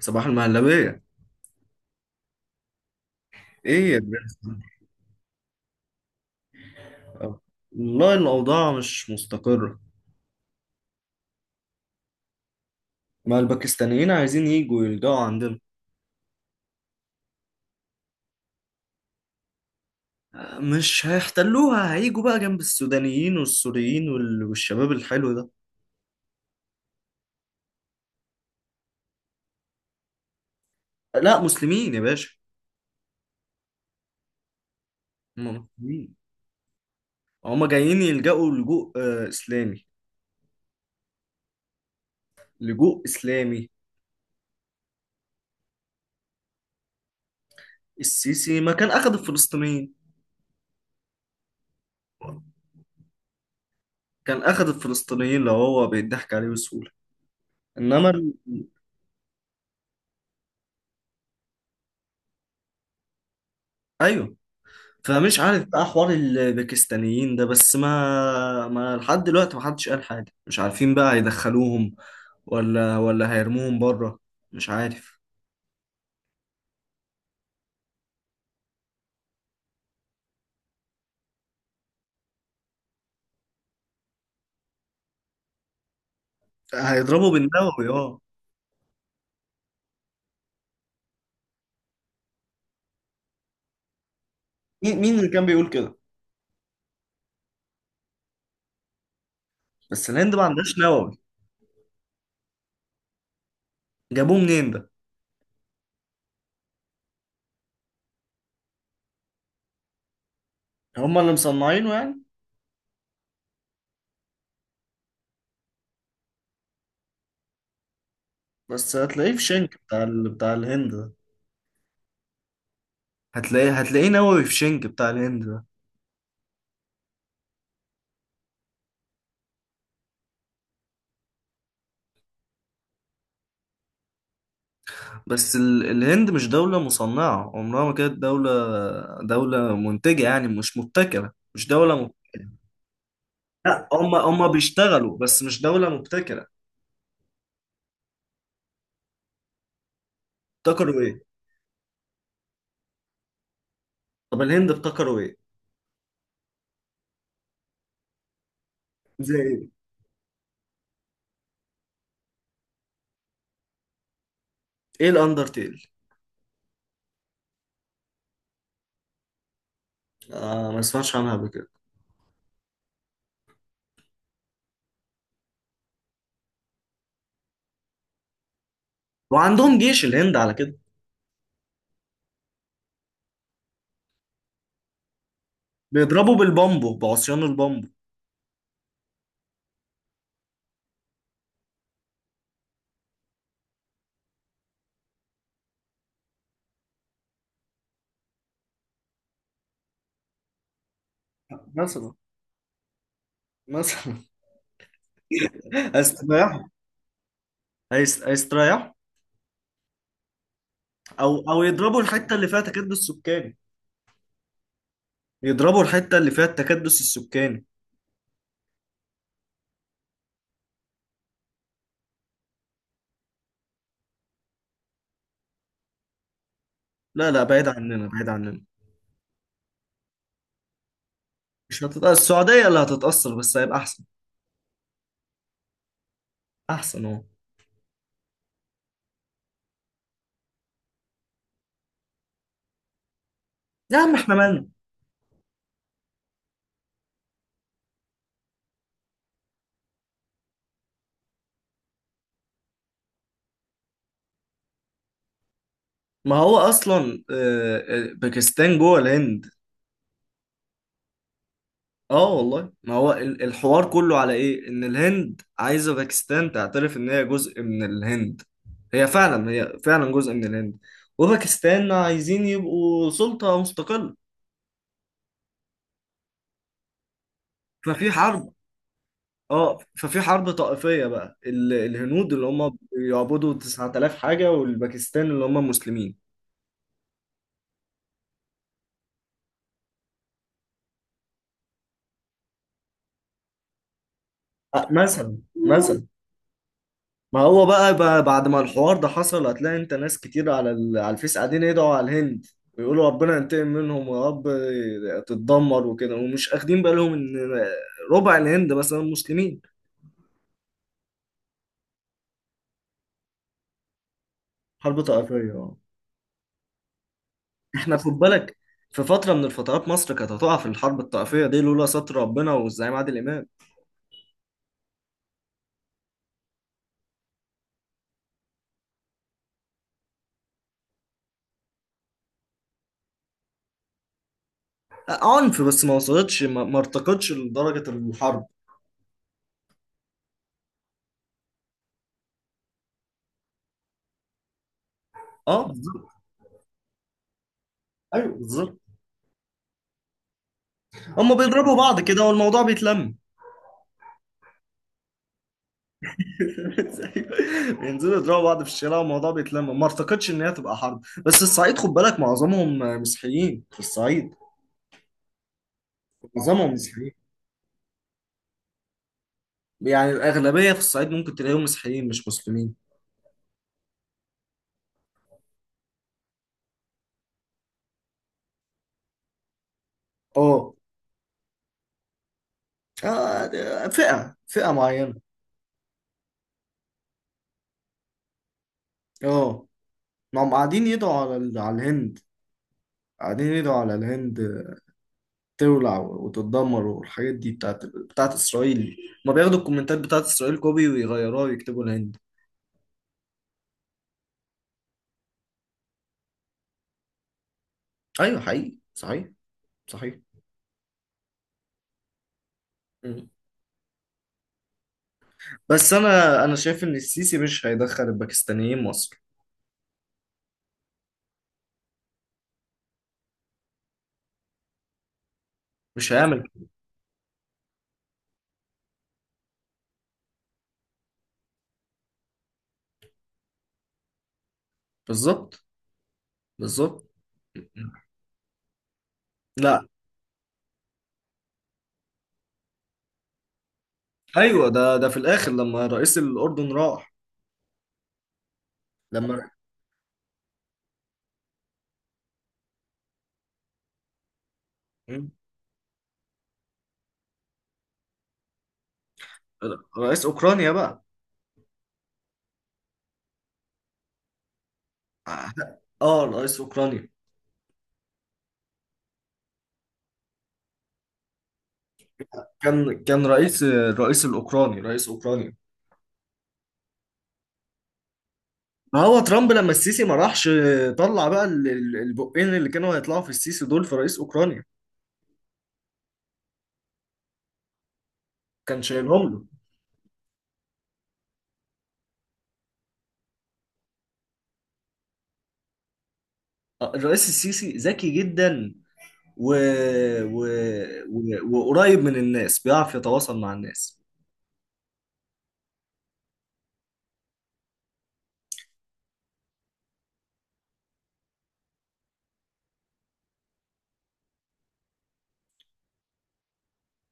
صباح المهلبية. ايه يا برنس. آه، والله الأوضاع مش مستقرة. ما الباكستانيين عايزين يجوا يلجأوا عندنا. آه، مش هيحتلوها، هيجوا بقى جنب السودانيين والسوريين والشباب الحلو ده. آه، لا مسلمين يا باشا، هم مسلمين. هما جايين يلجأوا لجوء إسلامي. لجوء إسلامي. السيسي ما كان أخد الفلسطينيين. كان أخد الفلسطينيين لو هو بيضحك عليه بسهولة. إنما أيوه. فمش عارف بقى حوار الباكستانيين ده بس ما لحد دلوقتي ما حدش قال حاجة، مش عارفين بقى هيدخلوهم ولا هيرموهم بره. مش عارف. هيضربوا بالنووي اه. مين اللي كان بيقول كده؟ بس الهند ما عندهاش نووي. جابوه منين ده؟ هم اللي مصنعينه يعني؟ بس هتلاقيه في شنك بتاع بتاع الهند ده. هتلاقيه نووي في شنك بتاع الهند ده. بس الهند مش دولة مصنعة، عمرها ما كانت دولة منتجة يعني، مش مبتكرة، مش دولة. لا، هم بيشتغلوا بس مش دولة مبتكرة. ابتكروا ايه؟ طب الهند ابتكروا ايه؟ زي ايه؟ ايه الاندرتيل؟ آه، ما سمعتش عنها قبل كده. وعندهم جيش الهند على كده؟ بيضربوا بالبامبو بعصيان البامبو. مثلا مثلا. هيستريحوا. هيستريحوا. او يضربوا الحتة اللي فيها تكدس سكاني. يضربوا الحتة اللي فيها التكدس السكاني. لا لا، بعيد عننا، بعيد عننا. مش هتتأثر، السعودية اللي هتتأثر بس هيبقى احسن. احسن اهو. يا عم احنا مالنا. ما هو اصلا باكستان جوه الهند. اه، والله ما هو الحوار كله على ايه، ان الهند عايزه باكستان تعترف ان هي جزء من الهند. هي فعلا، هي فعلا جزء من الهند. وباكستان عايزين يبقوا سلطه مستقله. ففي حرب اه ففي حرب طائفيه بقى الهنود اللي هم بيعبدوا 9000 حاجه، والباكستان اللي هم مسلمين. آه، مثلا مثلا. ما هو بقى بعد ما الحوار ده حصل، هتلاقي انت ناس كتير على على الفيس قاعدين يدعوا على الهند ويقولوا ربنا ينتقم منهم يا رب تتدمر وكده، ومش اخدين بالهم ان ربع الهند مثلا مسلمين. حرب طائفية اه. احنا خد بالك، في فترة من الفترات مصر كانت هتقع في الحرب الطائفية دي لولا ستر ربنا والزعيم عادل إمام. آه، عنف بس ما وصلتش، ما ارتقتش لدرجة الحرب. اه، بالظبط. ايوه بالظبط. هم بيضربوا بعض كده والموضوع بيتلم. بينزلوا يضربوا بعض في الشارع والموضوع بيتلم، ما اعتقدش ان هي تبقى حرب. بس الصعيد خد بالك، معظمهم مسيحيين في الصعيد، معظمهم مسيحيين. يعني الاغلبيه في الصعيد ممكن تلاقيهم مسيحيين مش مسلمين. اه. آه، ده فئه معينه. اه. ما هم قاعدين يدعوا على على الهند. قاعدين يدعوا على الهند تولع وتتدمر، والحاجات دي بتاعت اسرائيل. ما بياخدوا الكومنتات بتاعت اسرائيل كوبي، ويغيروها ويكتبوا الهند. ايوه حقيقي صحيح. صحيح. بس انا شايف ان السيسي مش هيدخل الباكستانيين مصر، مش هيعمل كده. بالظبط بالظبط. لا. ايوه، ده في الاخر، لما رئيس الاردن راح. لما م؟ رئيس اوكرانيا بقى؟ اه، رئيس اوكرانيا. كان رئيس الرئيس الاوكراني رئيس اوكرانيا. ما هو ترامب لما السيسي ما راحش، طلع بقى البقين اللي كانوا هيطلعوا في السيسي دول في رئيس اوكرانيا، كان شايلهم له. آه، الرئيس السيسي ذكي جدا و... و... وقريب من الناس، بيعرف يتواصل مع الناس.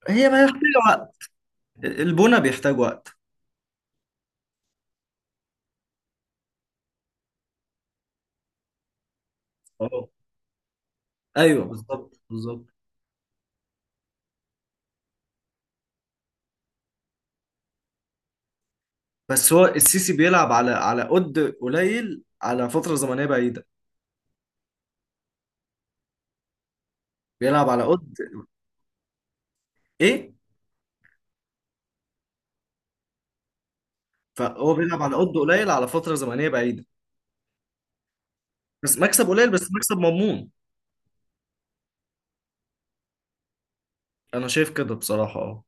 هي ما محتاجة وقت، البنى بيحتاج وقت. اه، ايوه بالظبط بالظبط. بس هو السيسي بيلعب على قد قليل على فترة زمنية بعيدة. بيلعب على قد. ايه؟ فهو بيلعب على قد قليل على فترة زمنية بعيدة، بس مكسب قليل بس مكسب مضمون. انا شايف كده بصراحة اه.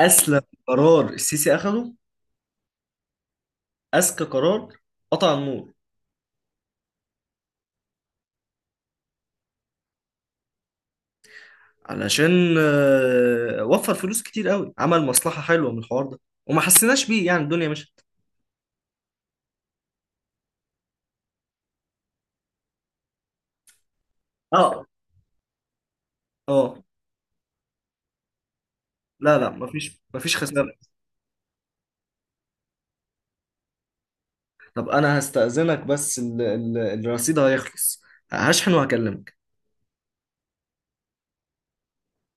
اسلم قرار السيسي اخده، اذكى قرار، قطع النور. علشان وفر فلوس كتير قوي، عمل مصلحة حلوة من الحوار ده وما حسيناش بيه، يعني الدنيا مشت. اه اه. لا لا، مفيش خسارة. طب انا هستأذنك بس الرصيد هيخلص، هشحن وهكلمك.